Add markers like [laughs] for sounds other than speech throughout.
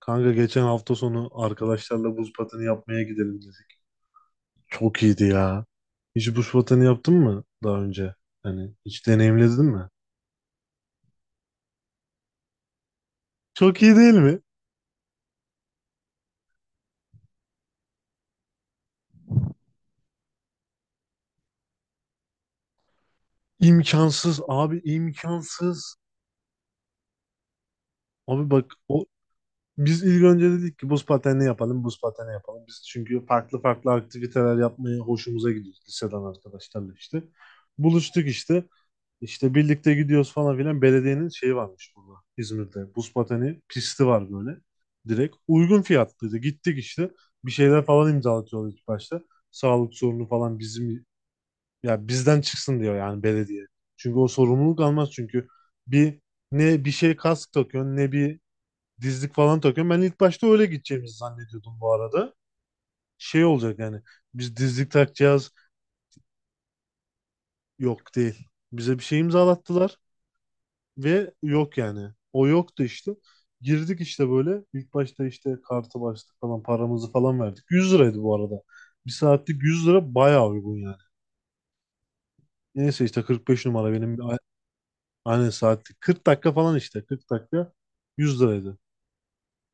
Kanka geçen hafta sonu arkadaşlarla buz pateni yapmaya gidelim dedik. Çok iyiydi ya. Hiç buz pateni yaptın mı daha önce? Hani hiç deneyimledin mi? Çok iyi değil mi? İmkansız abi, imkansız. Abi bak, biz ilk önce dedik ki buz pateni yapalım, buz pateni yapalım. Biz çünkü farklı farklı aktiviteler yapmaya hoşumuza gidiyor liseden arkadaşlarla işte. Buluştuk işte. İşte birlikte gidiyoruz falan filan. Belediyenin şeyi varmış burada İzmir'de. Buz pateni pisti var böyle. Direkt uygun fiyatlıydı. Gittik işte. Bir şeyler falan imzalatıyorlar ilk başta. Sağlık sorunu falan bizim, ya bizden çıksın diyor yani belediye. Çünkü o sorumluluk almaz çünkü bir ne bir şey kask takıyorsun ne bir dizlik falan takıyorsun. Ben ilk başta öyle gideceğimizi zannediyordum bu arada. Şey olacak yani biz dizlik takacağız. Yok değil. Bize bir şey imzalattılar. Ve yok yani. O yoktu işte. Girdik işte böyle. İlk başta işte kartı bastık falan, paramızı falan verdik. 100 liraydı bu arada. Bir saatlik 100 lira, bayağı uygun yani. Neyse işte 45 numara benim, aynen saatlik. 40 dakika falan işte. 40 dakika 100 liraydı.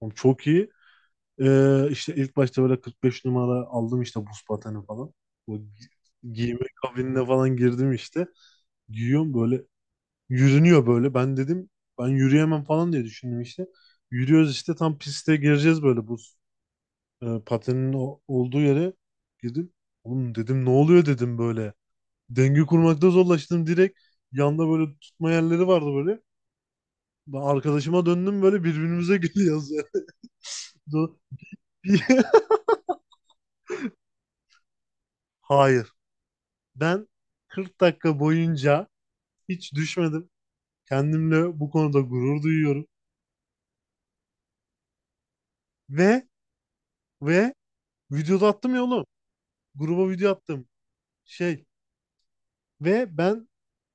Oğlum çok iyi. İşte ilk başta böyle 45 numara aldım işte buz pateni falan. Bu gi- giyme kabinine falan girdim işte. Giyiyorum böyle. Yürünüyor böyle. Ben dedim ben yürüyemem falan diye düşündüm işte. Yürüyoruz işte, tam piste gireceğiz böyle, bu patenin olduğu yere girdim. Oğlum dedim, ne oluyor dedim böyle. Denge kurmakta zorlaştım direkt. Yanda böyle tutma yerleri vardı böyle. Ben arkadaşıma döndüm, böyle birbirimize gülüyoruz yani. [laughs] Do- Bir- [laughs] Hayır. Ben 40 dakika boyunca hiç düşmedim. Kendimle bu konuda gurur duyuyorum. Ve ve videoda attım ya oğlum. Gruba video attım, şey ve ben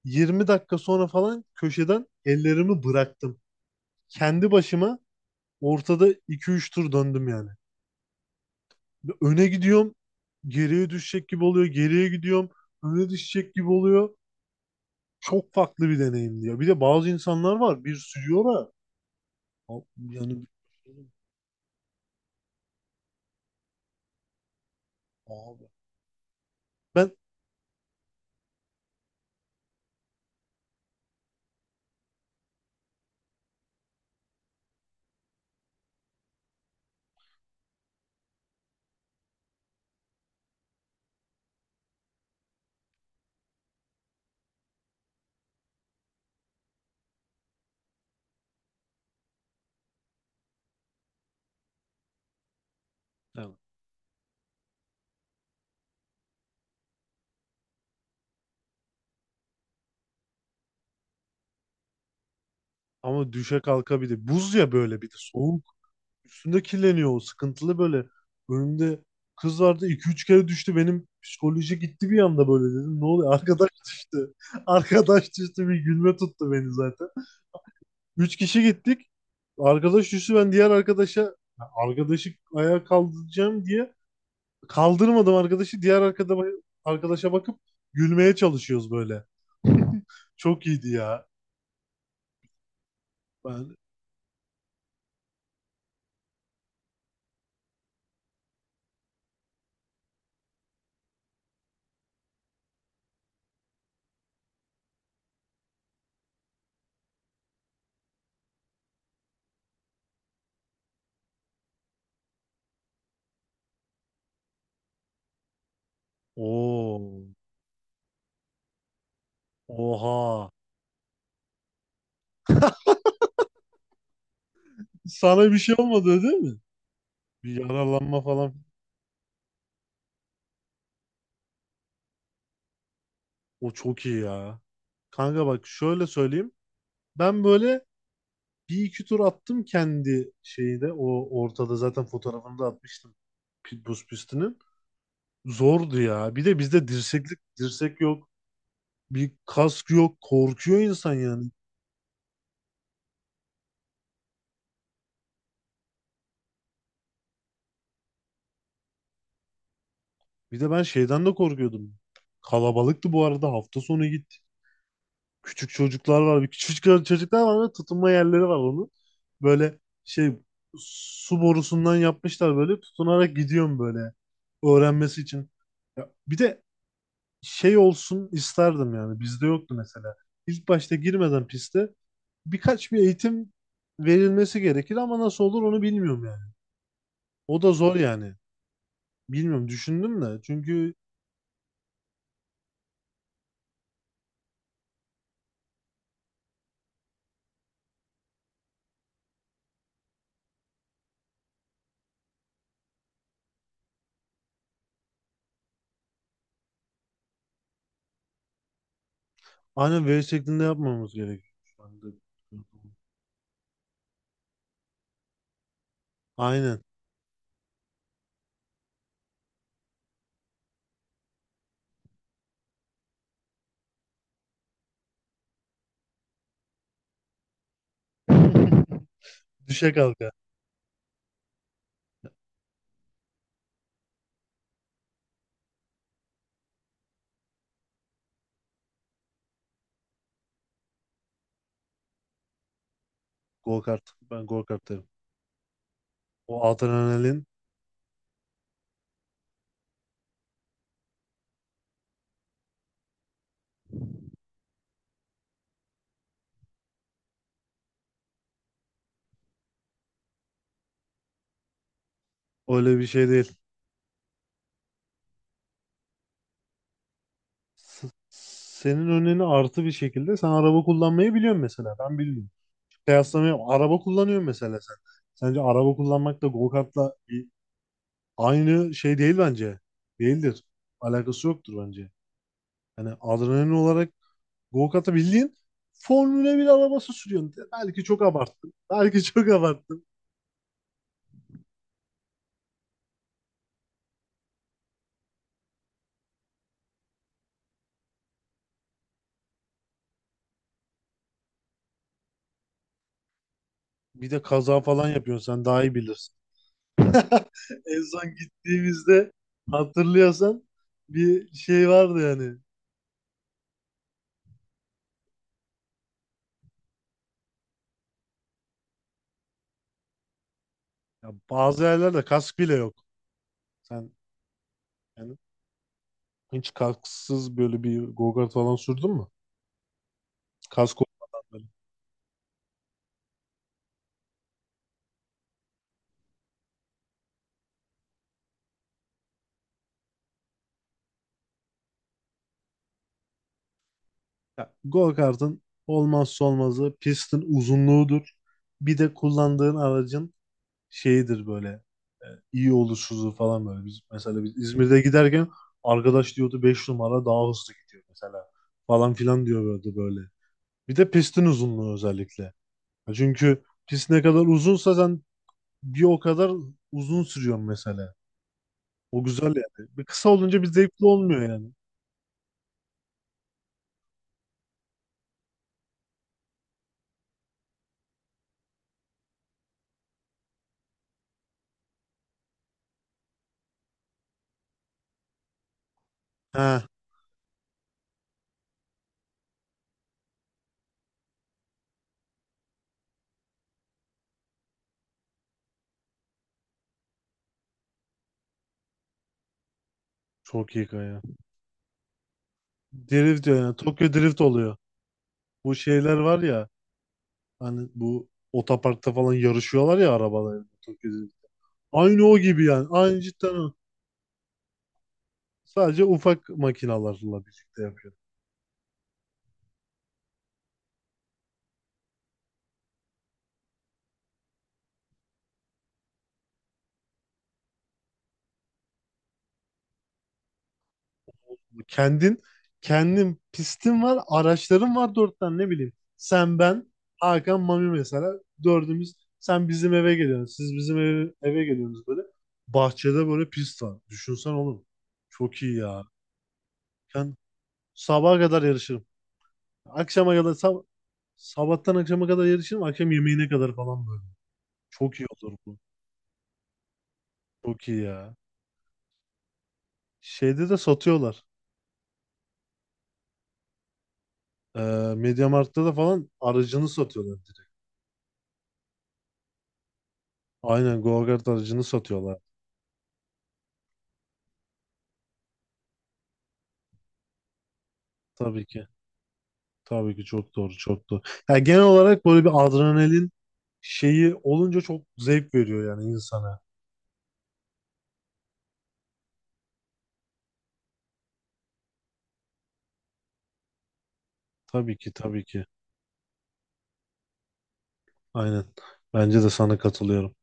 20 dakika sonra falan köşeden ellerimi bıraktım. Kendi başıma ortada iki üç tur döndüm yani. Öne gidiyorum, geriye düşecek gibi oluyor, geriye gidiyorum, öne düşecek gibi oluyor. Çok farklı bir deneyim diyor. Bir de bazı insanlar var, bir sürüyor da a- yani abi. Ben yani, ama düşe kalka, bir de buz ya, böyle bir de soğuk. Üstünde kirleniyor, o sıkıntılı böyle. Önümde kız vardı, iki üç kere düştü, benim psikoloji gitti bir anda, böyle dedim, ne oluyor? Arkadaş düştü. [laughs] Arkadaş düştü, bir gülme tuttu beni zaten. Üç kişi gittik. Arkadaş düştü, ben diğer arkadaşa, ya arkadaşı ayağa kaldıracağım diye kaldırmadım arkadaşı. Arkadaşa bakıp gülmeye çalışıyoruz böyle. Çok iyiydi ya. Ben o Oha, sana bir şey olmadı değil mi? Bir yaralanma falan. O çok iyi ya. Kanka bak şöyle söyleyeyim. Ben böyle bir iki tur attım kendi şeyde. O ortada zaten fotoğrafını da atmıştım. Buz pistinin. Zordu ya. Bir de bizde dirsek yok. Bir kask yok. Korkuyor insan yani. Bir de ben şeyden de korkuyordum. Kalabalıktı bu arada. Hafta sonu gittik. Küçük çocuklar var. Bir küçük çocuklar var ve tutunma yerleri var onun. Böyle şey, su borusundan yapmışlar, böyle tutunarak gidiyorum böyle, öğrenmesi için. Ya, bir de şey olsun isterdim yani, bizde yoktu mesela. İlk başta girmeden piste birkaç bir eğitim verilmesi gerekir ama nasıl olur onu bilmiyorum yani. O da zor yani. Bilmiyorum, düşündüm de çünkü aynen V şeklinde yapmamız gerekiyor şu anda. Aynen. [laughs] Düşe kalka. Go kart. Ben go kart derim. O adrenalin öyle bir şey değil. Senin önüne artı bir şekilde sen araba kullanmayı biliyorsun mesela. Ben bilmiyorum. Kıyaslamıyorum. Araba kullanıyorsun mesela sen. Sence araba kullanmak da go kartla aynı şey değil bence. Değildir. Alakası yoktur bence. Yani adrenalin olarak go kartı bildiğin Formula 1 arabası sürüyorsun. Belki çok abarttım. Belki [laughs] çok abarttım. Bir de kaza falan yapıyorsun, sen daha iyi bilirsin. En son gittiğimizde hatırlıyorsan, bir şey vardı yani. Ya bazı yerlerde kask bile yok. Sen yani hiç kasksız böyle bir go-kart falan sürdün mü? Kask olmadan böyle. Go-kart'ın olmazsa olmazı pistin uzunluğudur. Bir de kullandığın aracın şeyidir böyle, e, iyi oluşuzu falan böyle. Biz, mesela biz İzmir'de giderken arkadaş diyordu 5 numara daha hızlı gidiyor mesela, falan filan diyordu böyle. Bir de pistin uzunluğu özellikle. Ya, çünkü pist ne kadar uzunsa sen bir o kadar uzun sürüyorsun mesela. O güzel yani. Bir kısa olunca bir zevkli olmuyor yani. He, çok iyi kaya. Drift diyor yani. Tokyo Drift oluyor. Bu şeyler var ya, hani bu otoparkta falan yarışıyorlar ya arabalar. Tokyo Drift. Aynı o gibi yani. Aynı cidden o. Sadece ufak makinalarla birlikte yapıyor. Kendin kendin pistin var, araçların var, dört tane ne bileyim. Sen, ben, Hakan, Mami mesela, dördümüz, sen bizim eve geliyorsun. Siz bizim eve geliyorsunuz böyle. Bahçede böyle pist var. Düşünsen oğlum. Çok iyi ya. Ben sabaha kadar yarışırım. Akşama kadar sabahtan akşama kadar yarışırım. Akşam yemeğine kadar falan böyle. Çok iyi olur bu. Çok iyi ya. Şeyde de satıyorlar. Ee, MediaMarkt'ta da falan aracını satıyorlar direkt. Aynen go-kart aracını satıyorlar. Tabii ki. Tabii ki çok doğru, çok doğru. Yani genel olarak böyle bir adrenalin şeyi olunca çok zevk veriyor yani insana. Tabii ki, tabii ki. Aynen. Bence de sana katılıyorum.